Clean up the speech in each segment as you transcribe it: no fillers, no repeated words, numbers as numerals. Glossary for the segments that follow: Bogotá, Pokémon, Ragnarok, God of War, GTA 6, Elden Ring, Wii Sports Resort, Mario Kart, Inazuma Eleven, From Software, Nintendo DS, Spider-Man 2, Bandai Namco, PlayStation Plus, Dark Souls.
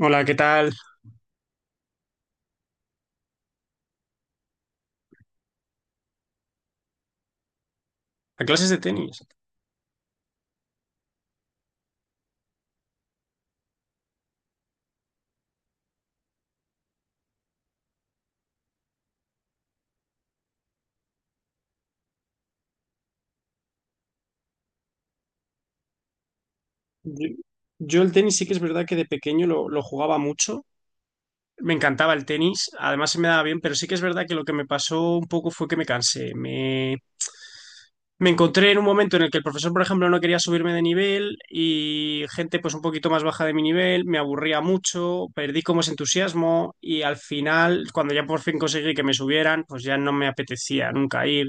Hola, ¿qué tal? ¿A clases de tenis? Yo, yo el tenis sí que es verdad que de pequeño lo jugaba mucho. Me encantaba el tenis, además se me daba bien, pero sí que es verdad que lo que me pasó un poco fue que me cansé. Me encontré en un momento en el que el profesor, por ejemplo, no quería subirme de nivel y gente pues un poquito más baja de mi nivel, me aburría mucho, perdí como ese entusiasmo y al final, cuando ya por fin conseguí que me subieran, pues ya no me apetecía nunca ir.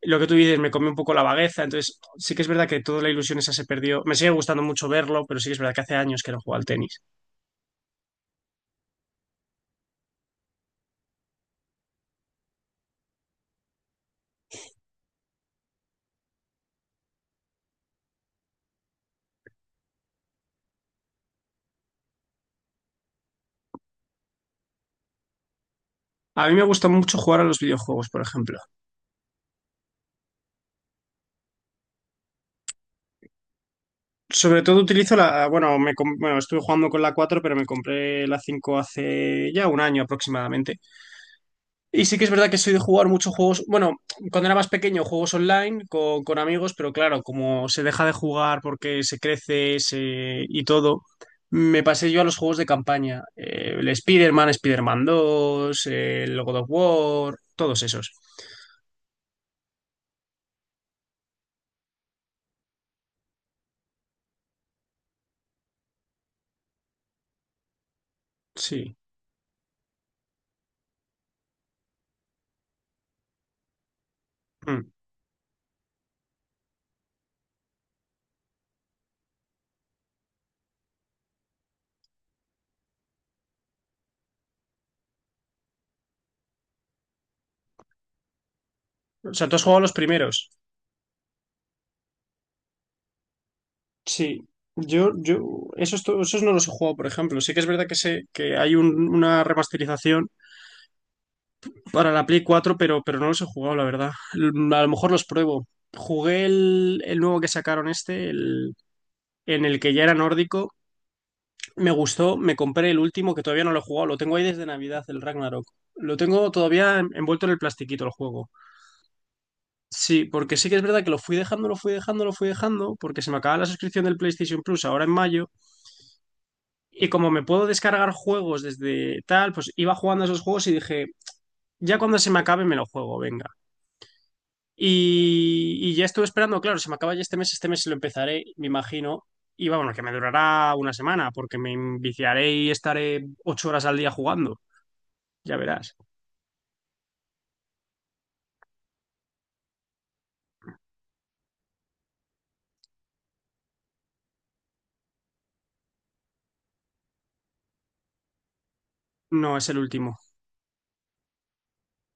Lo que tú dices, me comió un poco la vagueza, entonces sí que es verdad que toda la ilusión esa se perdió. Me sigue gustando mucho verlo, pero sí que es verdad que hace años que no juego al tenis. A mí me gusta mucho jugar a los videojuegos, por ejemplo. Sobre todo utilizo bueno, bueno, estuve jugando con la 4 pero me compré la 5 hace ya un año aproximadamente. Y sí que es verdad que soy de jugar muchos juegos, bueno, cuando era más pequeño juegos online con amigos, pero claro, como se deja de jugar porque se crece, y todo, me pasé yo a los juegos de campaña. El Spider-Man, Spider-Man 2, el God of War, todos esos. Sí. Mm. O sea, tú has jugado los primeros. Sí. Yo, yo, Esos, esos no los he jugado, por ejemplo. Sí que es verdad que sé que hay una remasterización para la Play 4, pero no los he jugado, la verdad. A lo mejor los pruebo. Jugué el nuevo que sacaron en el que ya era nórdico. Me gustó, me compré el último que todavía no lo he jugado. Lo tengo ahí desde Navidad, el Ragnarok. Lo tengo todavía envuelto en el plastiquito el juego. Sí, porque sí que es verdad que lo fui dejando, lo fui dejando, lo fui dejando, porque se me acaba la suscripción del PlayStation Plus ahora en mayo. Y como me puedo descargar juegos desde tal, pues iba jugando a esos juegos y dije, ya cuando se me acabe me lo juego, venga. Y ya estuve esperando, claro, se me acaba ya este mes, lo empezaré, me imagino. Y bueno, que me durará una semana, porque me enviciaré y estaré 8 horas al día jugando. Ya verás. No, es el último.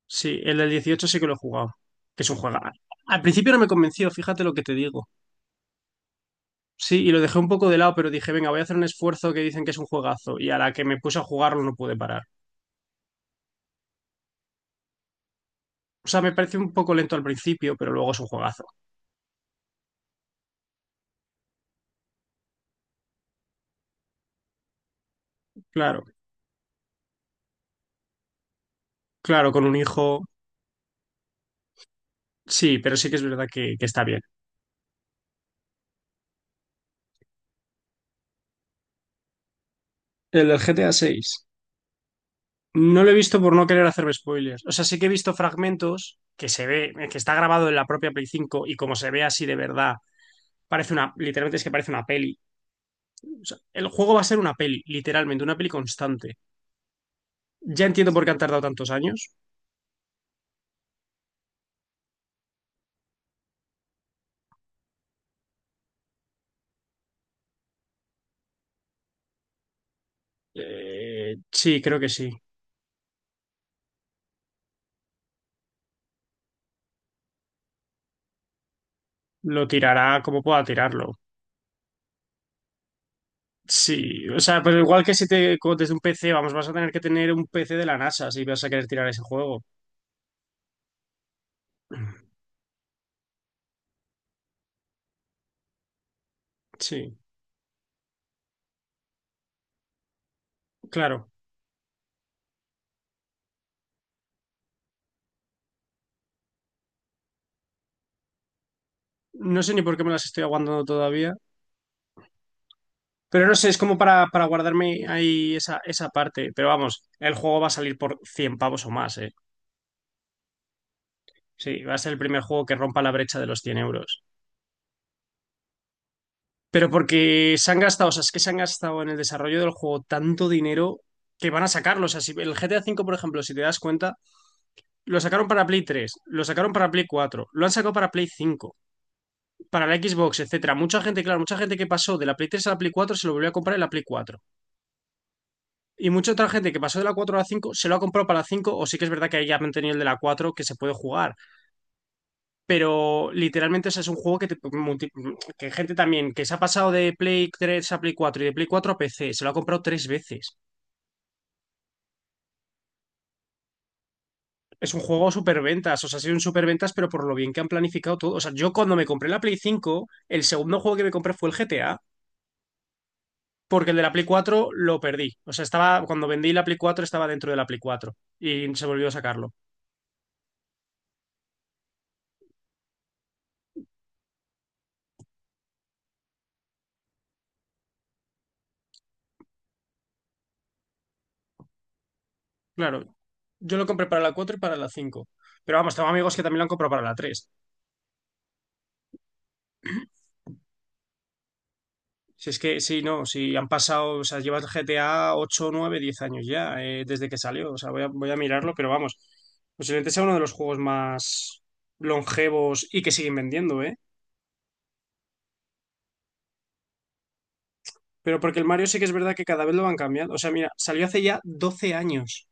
Sí, el del 18 sí que lo he jugado, que es un juego. Al principio no me convenció, fíjate lo que te digo. Sí, y lo dejé un poco de lado, pero dije, venga, voy a hacer un esfuerzo que dicen que es un juegazo. Y a la que me puse a jugarlo no pude parar. O sea, me pareció un poco lento al principio, pero luego es un juegazo. Claro, claro, con un hijo. Sí, pero sí que es verdad que está bien. El del GTA 6. No lo he visto por no querer hacer spoilers. O sea, sí que he visto fragmentos que se ve, que está grabado en la propia Play 5 y como se ve así de verdad, literalmente es que parece una peli. O sea, el juego va a ser una peli, literalmente, una peli constante. Ya entiendo por qué han tardado tantos años. Sí, creo que sí. Lo tirará como pueda tirarlo. Sí, o sea, pero igual que si te como desde un PC, vamos, vas a tener que tener un PC de la NASA si vas a querer tirar ese juego. Sí, claro. No sé ni por qué me las estoy aguantando todavía. Pero no sé, es como para guardarme ahí esa parte. Pero vamos, el juego va a salir por 100 pavos o más, ¿eh? Sí, va a ser el primer juego que rompa la brecha de los 100 euros. Pero porque se han gastado, o sea, es que se han gastado en el desarrollo del juego tanto dinero que van a sacarlo. O sea, si el GTA cinco, por ejemplo, si te das cuenta, lo sacaron para Play 3, lo sacaron para Play 4, lo han sacado para Play 5, para la Xbox, etcétera. Mucha gente, claro, mucha gente que pasó de la Play 3 a la Play 4 se lo volvió a comprar en la Play 4. Y mucha otra gente que pasó de la 4 a la 5 se lo ha comprado para la 5 o sí que es verdad que ahí ya han tenido el de la 4 que se puede jugar. Pero literalmente, ese es un juego que, que gente también que se ha pasado de Play 3 a Play 4 y de Play 4 a PC, se lo ha comprado tres veces. Es un juego superventas, o sea, ha sido un superventas, pero por lo bien que han planificado todo. O sea, yo cuando me compré la Play 5 el segundo juego que me compré fue el GTA, porque el de la Play 4 lo perdí. O sea, estaba, cuando vendí la Play 4 estaba dentro de la Play 4 y se volvió a sacarlo. Claro, yo lo compré para la 4 y para la 5. Pero vamos, tengo amigos que también lo han comprado para la tres. Si es que, sí, no, si han pasado, o sea, lleva el GTA 8 9 10 años ya, desde que salió. O sea, voy a mirarlo, pero vamos, posiblemente sea uno de los juegos más longevos y que siguen vendiendo, ¿eh? Pero porque el Mario sí que es verdad que cada vez lo van cambiando. O sea, mira, salió hace ya 12 años.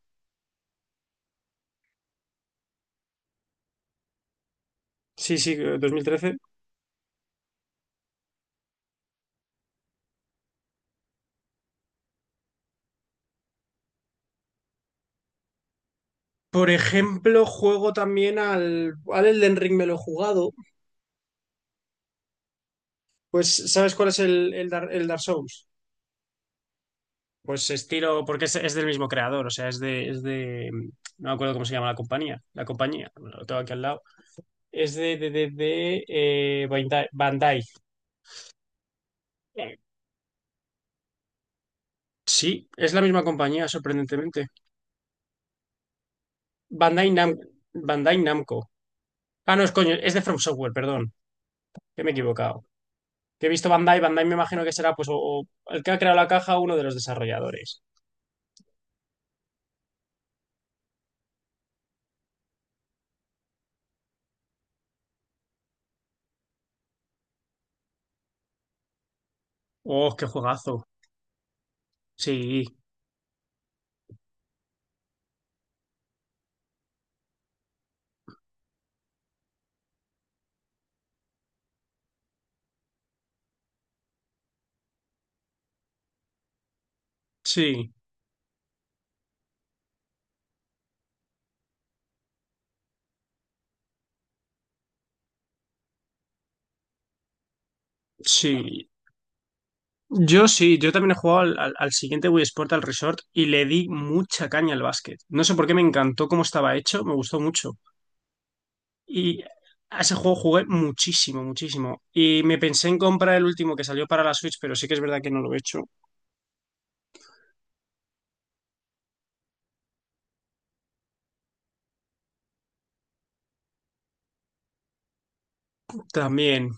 Sí, sí, 2013. Por ejemplo, juego también al, al Elden Ring, me lo he jugado. Pues, ¿sabes cuál es el Dark Souls? Pues estilo, porque es del mismo creador, o sea, no me acuerdo cómo se llama la compañía, bueno, lo tengo aquí al lado, es Bandai. Bandai. Eh, Sí, es la misma compañía, sorprendentemente. Bandai Nam, Bandai Namco. Ah, no, es coño, es de From Software, perdón, que me he equivocado. Que he visto Bandai me imagino que será pues o el que ha creado la caja, uno de los desarrolladores. Oh, qué juegazo. Sí, sí, sí. Yo sí, yo también he jugado al siguiente Wii Sport, al Resort, y le di mucha caña al básquet. No sé por qué me encantó cómo estaba hecho, me gustó mucho. Y a ese juego jugué muchísimo, muchísimo. Y me pensé en comprar el último que salió para la Switch, pero sí que es verdad que no lo he hecho. También,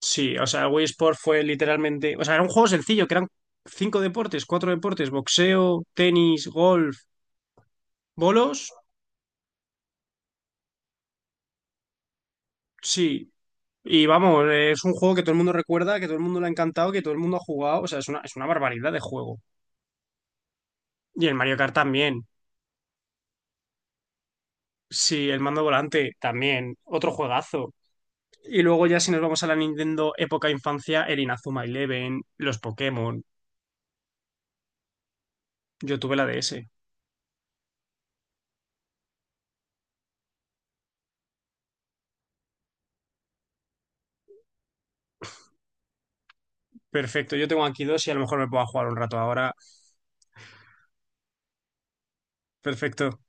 sí, o sea, Wii Sport fue literalmente. O sea, era un juego sencillo, que eran cinco deportes, cuatro deportes: boxeo, tenis, golf, bolos. Sí, y vamos, es un juego que todo el mundo recuerda, que todo el mundo le ha encantado, que todo el mundo ha jugado. O sea, es una barbaridad de juego. Y el Mario Kart también. Sí, el mando volante también. Otro juegazo. Y luego ya si nos vamos a la Nintendo época infancia, el Inazuma Eleven, los Pokémon. Yo tuve la DS. Perfecto, yo tengo aquí dos y a lo mejor me puedo jugar un rato ahora. Perfecto.